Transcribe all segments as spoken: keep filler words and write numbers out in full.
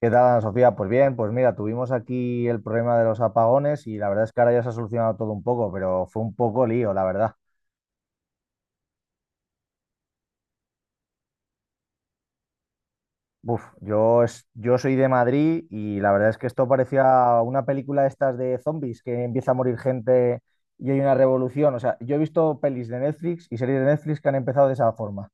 ¿Qué tal, Ana Sofía? Pues bien, pues mira, tuvimos aquí el problema de los apagones y la verdad es que ahora ya se ha solucionado todo un poco, pero fue un poco lío, la verdad. Uf, yo, es, yo soy de Madrid y la verdad es que esto parecía una película de estas de zombies, que empieza a morir gente y hay una revolución. O sea, yo he visto pelis de Netflix y series de Netflix que han empezado de esa forma.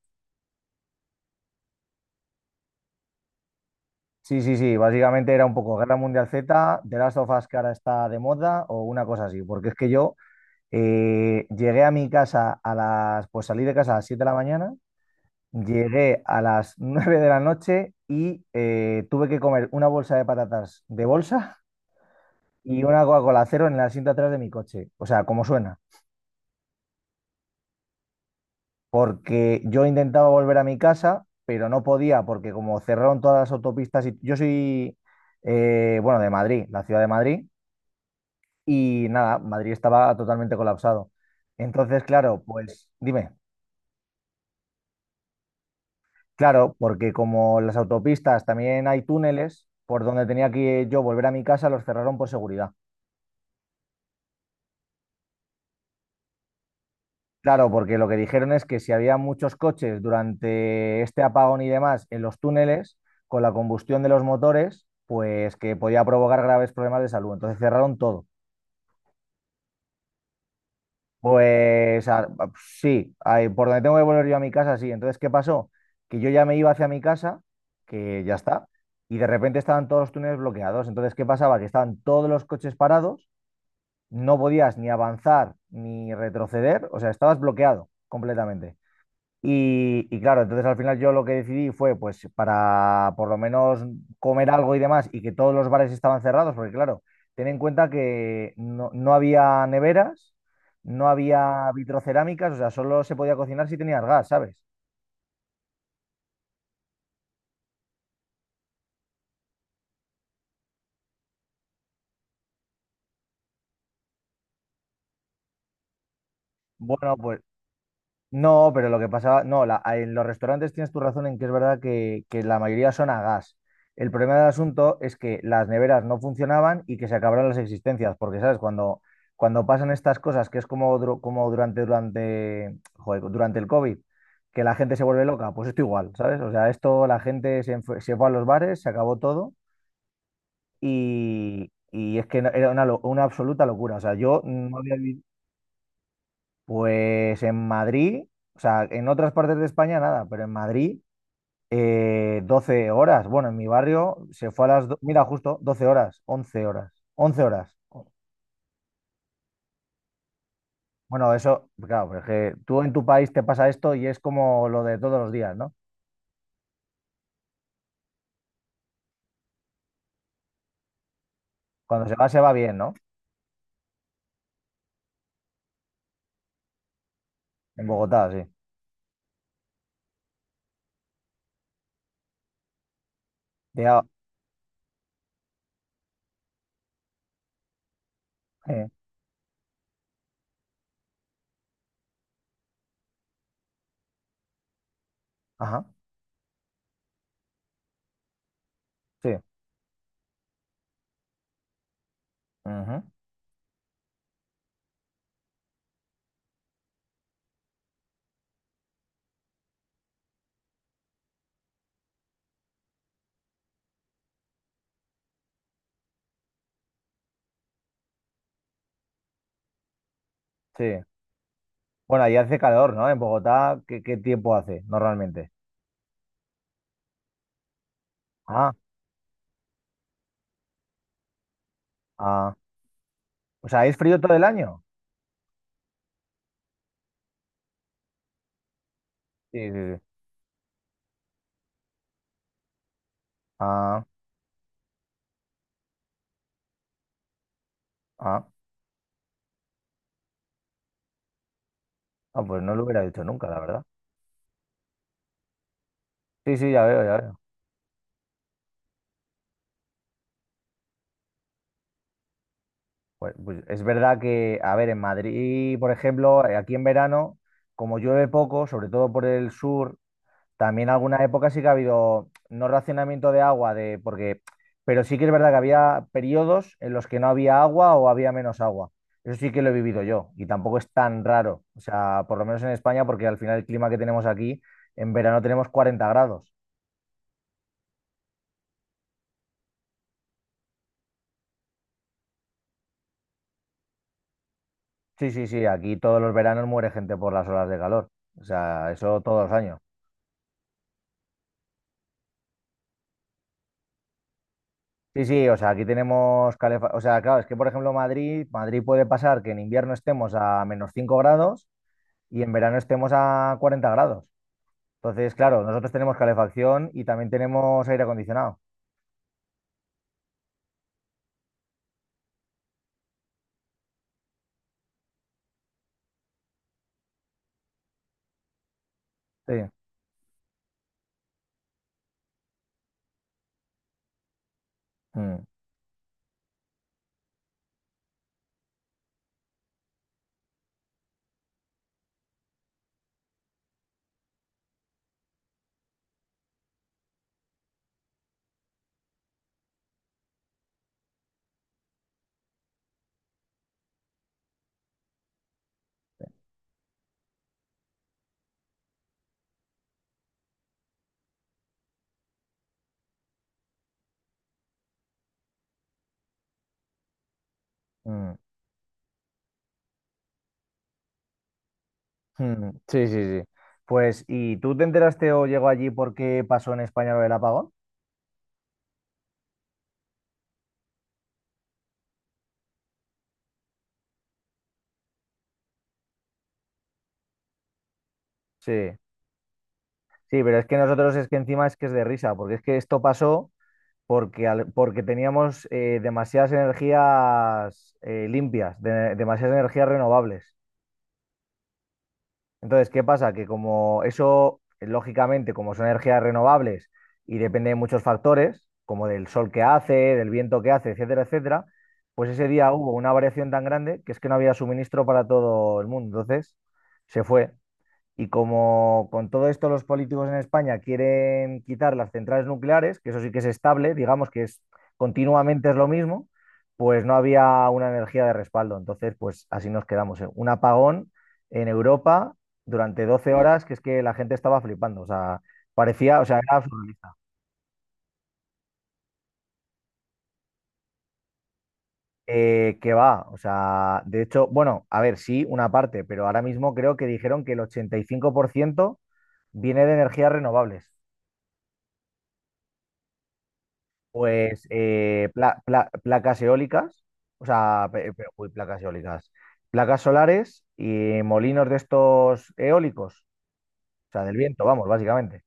Sí, sí, sí, básicamente era un poco Guerra Mundial Z, de Last of Us que ahora está de moda o una cosa así, porque es que yo Eh, llegué a mi casa a las, pues salí de casa a las siete de la mañana, llegué a las nueve de la noche y eh, tuve que comer una bolsa de patatas de bolsa y una Coca-Cola cero en la cinta atrás de mi coche. O sea, como suena. Porque yo intentaba volver a mi casa, pero no podía porque como cerraron todas las autopistas y yo soy, eh, bueno, de Madrid, la ciudad de Madrid, y nada, Madrid estaba totalmente colapsado. Entonces, claro, pues dime. Claro, porque como las autopistas también hay túneles, por donde tenía que yo volver a mi casa los cerraron por seguridad. Claro, porque lo que dijeron es que si había muchos coches durante este apagón y demás en los túneles, con la combustión de los motores, pues que podía provocar graves problemas de salud. Entonces cerraron todo. Pues a- a- sí, ahí, por donde tengo que volver yo a mi casa, sí. Entonces, ¿qué pasó? Que yo ya me iba hacia mi casa, que ya está, y de repente estaban todos los túneles bloqueados. Entonces, ¿qué pasaba? Que estaban todos los coches parados, no podías ni avanzar ni retroceder, o sea, estabas bloqueado completamente. Y, y, claro, entonces al final yo lo que decidí fue, pues, para por lo menos comer algo y demás, y que todos los bares estaban cerrados, porque claro, ten en cuenta que no, no había neveras, no había vitrocerámicas, o sea, solo se podía cocinar si tenías gas, ¿sabes? Bueno, pues no, pero lo que pasaba, no, la- a- en los restaurantes tienes tu razón en que es verdad que, que la mayoría son a gas. El problema del asunto es que las neveras no funcionaban y que se acabaron las existencias, porque, ¿sabes? Cuando, cuando pasan estas cosas, que es como, duro- como durante, durante, joder, durante el COVID, que la gente se vuelve loca, pues esto igual, ¿sabes? O sea, esto la gente se, fue se fue a los bares, se acabó todo y, y es que no- era una, lo- una absoluta locura. O sea, yo no había vivido pues en Madrid, o sea, en otras partes de España nada, pero en Madrid eh, doce horas. Bueno, en mi barrio se fue a las, do- mira, justo doce horas, once horas, once horas. Bueno, eso, claro, pero es que tú en tu país te pasa esto y es como lo de todos los días, ¿no? Cuando se va, se va bien, ¿no? En Bogotá, sí. Ya, eh, ajá, sí, ujú, sí. Bueno, ahí hace calor, ¿no? En Bogotá, ¿qué, qué tiempo hace normalmente? Ah, ah. O sea, ¿es frío todo el año? Sí, sí, sí. Ah. Ah, ah, pues no lo hubiera dicho nunca, la verdad. Sí, sí, ya veo, ya veo. Pues, pues es verdad que, a ver, en Madrid, por ejemplo, eh, aquí en verano, como llueve poco, sobre todo por el sur, también alguna época sí que ha habido no racionamiento de agua, de, porque, pero sí que es verdad que había periodos en los que no había agua o había menos agua. Eso sí que lo he vivido yo y tampoco es tan raro. O sea, por lo menos en España, porque al final el clima que tenemos aquí, en verano tenemos cuarenta grados. Sí, sí, sí, aquí todos los veranos muere gente por las olas de calor. O sea, eso todos los años. Sí, sí, o sea, aquí tenemos calefacción. O sea, claro, es que por ejemplo Madrid, Madrid puede pasar que en invierno estemos a menos cinco grados y en verano estemos a cuarenta grados. Entonces, claro, nosotros tenemos calefacción y también tenemos aire acondicionado. Sí. Mm, mm, mm. Sí, sí, sí. Pues, ¿y tú te enteraste o llegó allí porque pasó en España lo del apagón? Sí, sí, pero es que nosotros es que encima es que es de risa, porque es que esto pasó. porque, al- porque teníamos eh, demasiadas energías eh, limpias, de- demasiadas energías renovables. Entonces, ¿qué pasa? Que como eso, eh, lógicamente, como son energías renovables y depende de muchos factores, como del sol que hace, del viento que hace, etcétera, etcétera, pues ese día hubo una variación tan grande que es que no había suministro para todo el mundo. Entonces, se fue. Y como con todo esto los políticos en España quieren quitar las centrales nucleares, que eso sí que es estable, digamos que es continuamente es lo mismo, pues no había una energía de respaldo. Entonces, pues así nos quedamos. eh. Un apagón en Europa durante doce horas, que es que la gente estaba flipando. O sea, parecía, o sea, era absurdista. Eh, que va, o sea, de hecho, bueno, a ver, sí, una parte, pero ahora mismo creo que dijeron que el ochenta y cinco por ciento viene de energías renovables. Pues eh, pla- pla- placas eólicas, o sea, pe- pe- uy, placas eólicas, placas solares y molinos de estos eólicos, o sea, del viento, vamos, básicamente.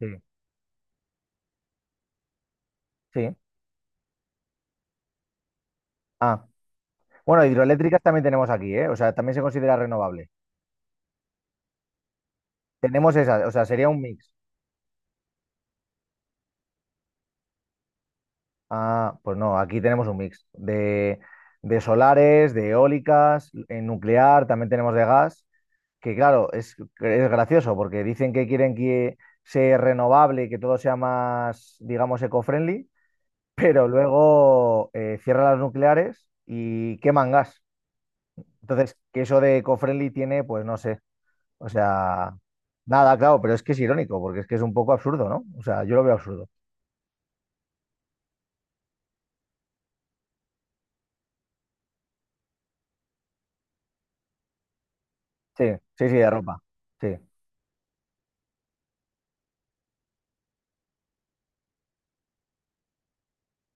Sí, sí. Ah, bueno, hidroeléctricas también tenemos aquí, ¿eh? O sea, también se considera renovable. Tenemos esas, o sea, sería un mix. Ah, pues no, aquí tenemos un mix de, de solares, de eólicas, en nuclear, también tenemos de gas, que claro, es, es gracioso porque dicen que quieren que sea renovable y que todo sea más, digamos, eco-friendly, pero luego eh, cierran las nucleares y queman gas. Entonces, que eso de eco-friendly tiene, pues no sé, o sea, nada, claro, pero es que es irónico porque es que es un poco absurdo, ¿no? O sea, yo lo veo absurdo. Sí, sí, sí, de ropa. Sí,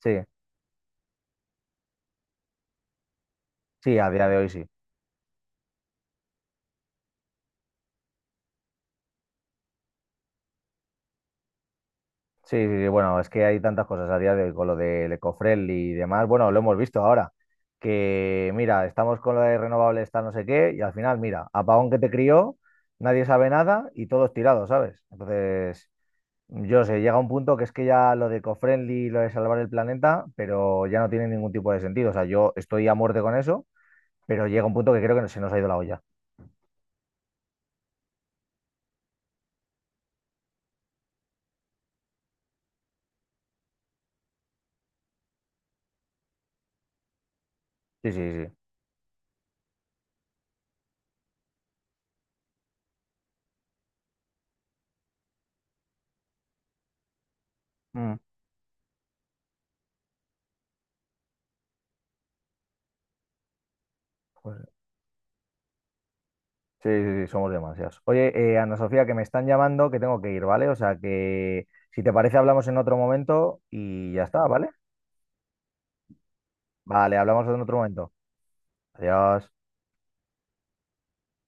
sí. Sí, a día de hoy sí. Sí, sí, sí, bueno, es que hay tantas cosas a día de hoy con lo del ecofriendly y demás. Bueno, lo hemos visto ahora, que mira, estamos con lo de renovables, está no sé qué, y al final, mira, apagón que te crió, nadie sabe nada y todos tirados, ¿sabes? Entonces, yo sé, llega un punto que es que ya lo de ecofriendly, y lo de salvar el planeta, pero ya no tiene ningún tipo de sentido. O sea, yo estoy a muerte con eso, pero llega un punto que creo que se nos ha ido la olla. Sí, sí, sí. Mm. Pues sí, sí, sí, somos demasiados. Oye, eh, Ana Sofía, que me están llamando, que tengo que ir, ¿vale? O sea que si te parece hablamos en otro momento y ya está, ¿vale? Vale, hablamos en otro momento. Adiós.